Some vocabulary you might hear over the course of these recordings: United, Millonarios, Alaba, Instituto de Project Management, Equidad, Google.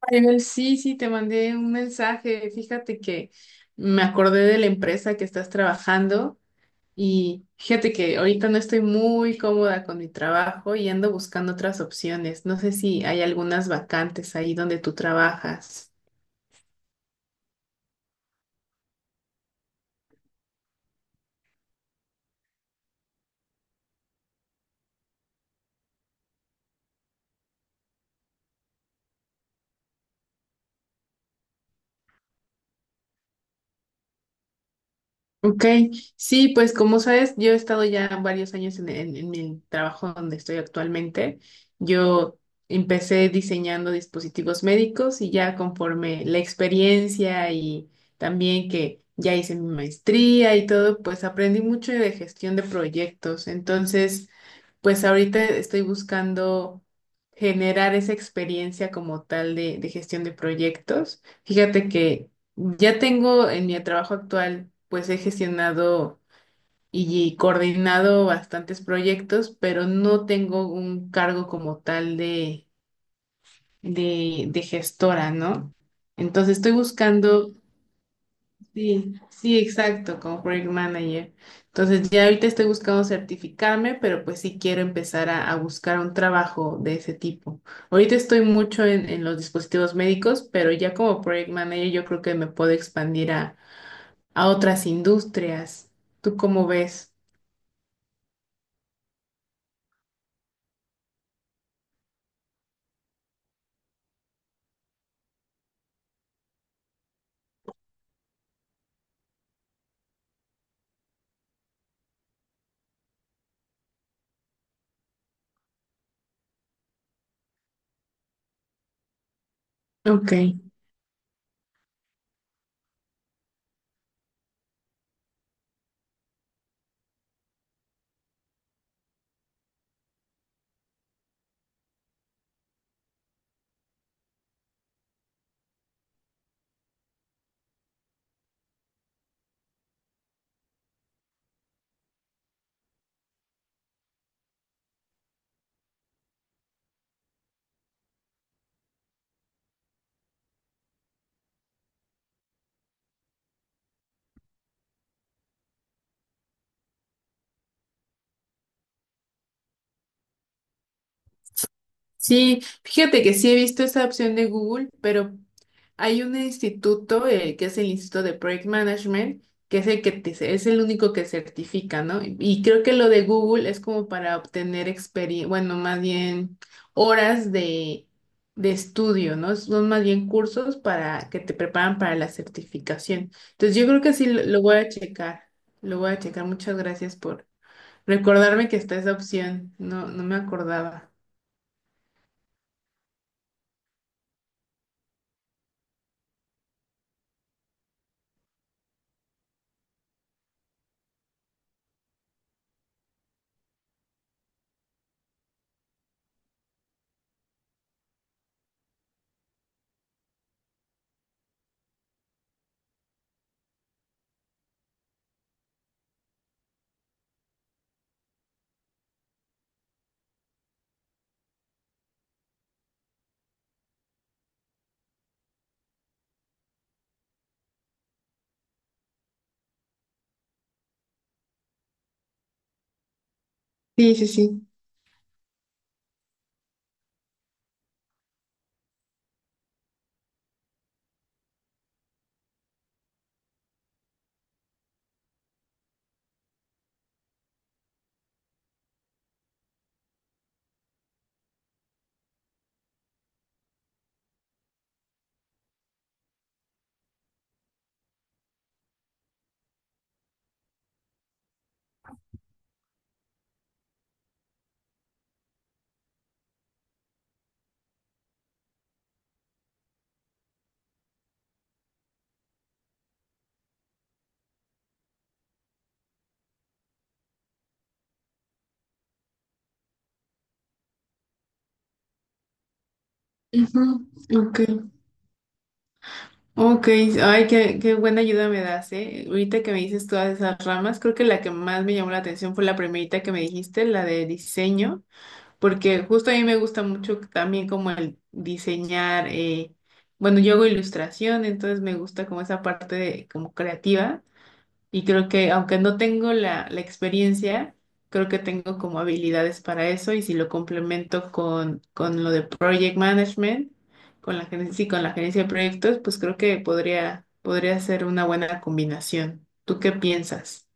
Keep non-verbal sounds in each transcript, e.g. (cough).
Ariel, sí, sí, te mandé un mensaje. Fíjate que me acordé de la empresa que estás trabajando y fíjate que ahorita no estoy muy cómoda con mi trabajo y ando buscando otras opciones. No sé si hay algunas vacantes ahí donde tú trabajas. Ok, sí, pues como sabes, yo he estado ya varios años en mi trabajo donde estoy actualmente. Yo empecé diseñando dispositivos médicos y ya conforme la experiencia y también que ya hice mi maestría y todo, pues aprendí mucho de gestión de proyectos. Entonces, pues ahorita estoy buscando generar esa experiencia como tal de gestión de proyectos. Fíjate que ya tengo en mi trabajo actual, pues he gestionado y coordinado bastantes proyectos, pero no tengo un cargo como tal de gestora, ¿no? Entonces estoy buscando, sí, sí, exacto, como project manager. Entonces ya ahorita estoy buscando certificarme, pero pues sí quiero empezar a buscar un trabajo de ese tipo. Ahorita estoy mucho en los dispositivos médicos, pero ya como project manager yo creo que me puedo expandir a otras industrias. ¿Tú cómo ves? Ok. Sí, fíjate que sí he visto esa opción de Google, pero hay un instituto que es el Instituto de Project Management, que es el que te- es el único que certifica, ¿no? Y creo que lo de Google es como para obtener experiencia, bueno, más bien horas de estudio, ¿no? Son más bien cursos para que te preparan para la certificación. Entonces yo creo que sí lo voy a checar, lo voy a checar. Muchas gracias por recordarme que está esa opción. No, no me acordaba. Sí, sí, sí. Ujú. Ok. Ok. Ay, qué buena ayuda me das, ¿eh? Ahorita que me dices todas esas ramas, creo que la que más me llamó la atención fue la primerita que me dijiste, la de diseño, porque justo a mí me gusta mucho también como el diseñar, bueno, yo hago ilustración, entonces me gusta como esa parte de, como creativa. Y creo que aunque no tengo la experiencia, creo que tengo como habilidades para eso y si lo complemento con lo de project management, con la gerencia, sí, con la gerencia de proyectos, pues creo que podría, podría ser una buena combinación. ¿Tú qué piensas?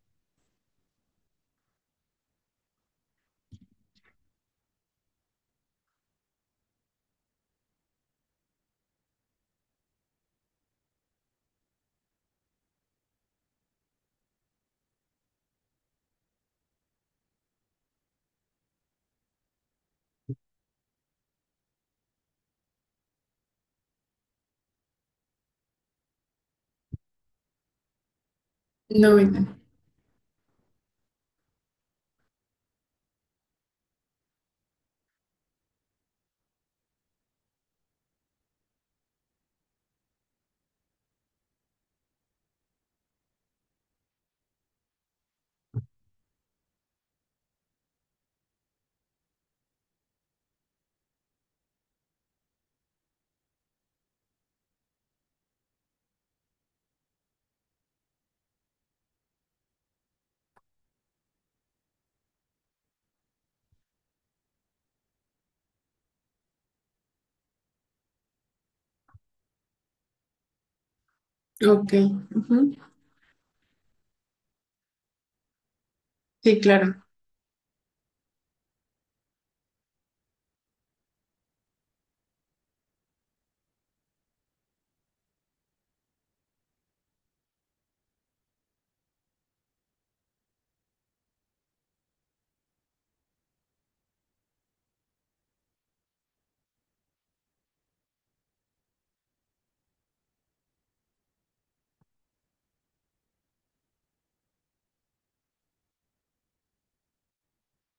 Nómina. Ok. Ujú. Sí, claro.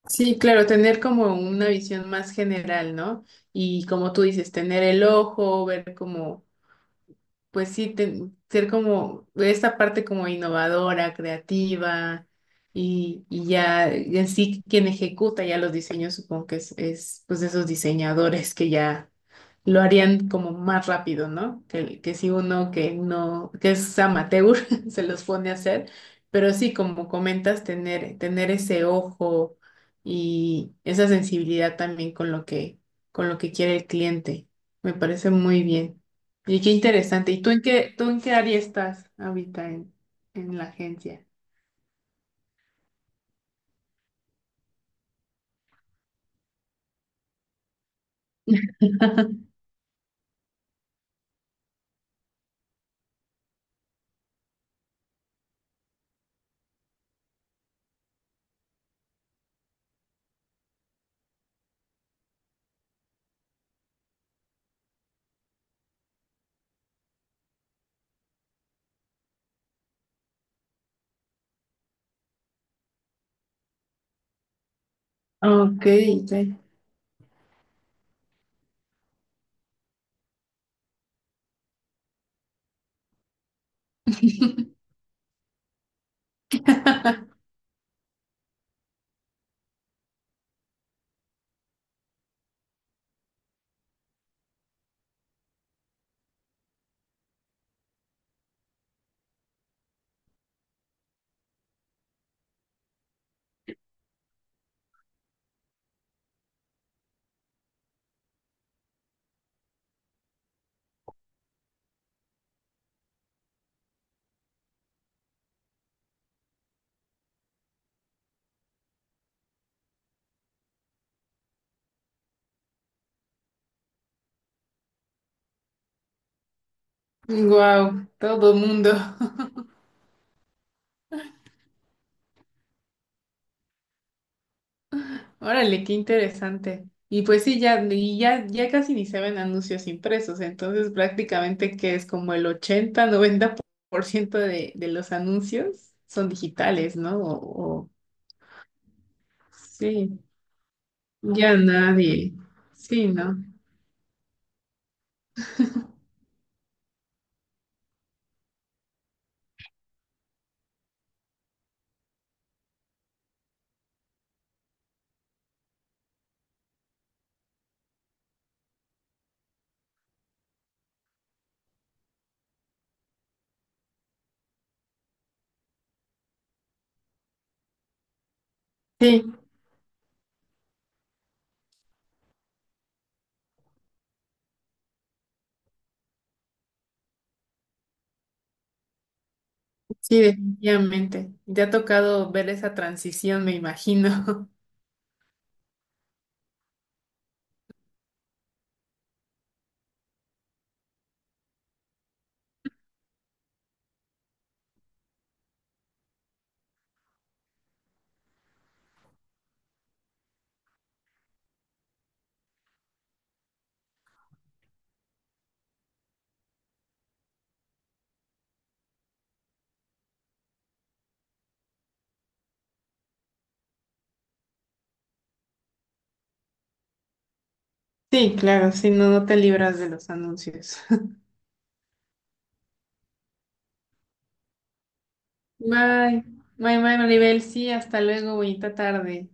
Sí, claro, tener como una visión más general, ¿no? Y como tú dices, tener el ojo, ver como pues sí, te- ser como esta parte como innovadora, creativa y ya en sí quien ejecuta ya los diseños, supongo que es pues esos diseñadores que ya lo harían como más rápido, ¿no? Que si uno que no, que es amateur, (laughs) se los pone a hacer, pero sí, como comentas, tener, tener ese ojo y esa sensibilidad también con lo que quiere el cliente. Me parece muy bien. Y qué interesante. ¿Y tú en qué área estás ahorita en la agencia? (laughs) Ok, sí. (laughs) Wow, todo mundo. Órale, qué interesante. Y pues sí, ya casi ni se ven anuncios impresos, entonces prácticamente que es como el 80-90% de los anuncios son digitales, ¿no? Sí, ya nadie. Sí, ¿no? Sí, sí, definitivamente. Te ha tocado ver esa transición, me imagino. (laughs) Sí, claro, sí, no, no te libras de los anuncios. (laughs) Bye, bye, bye, Maribel. Sí, hasta luego, bonita tarde.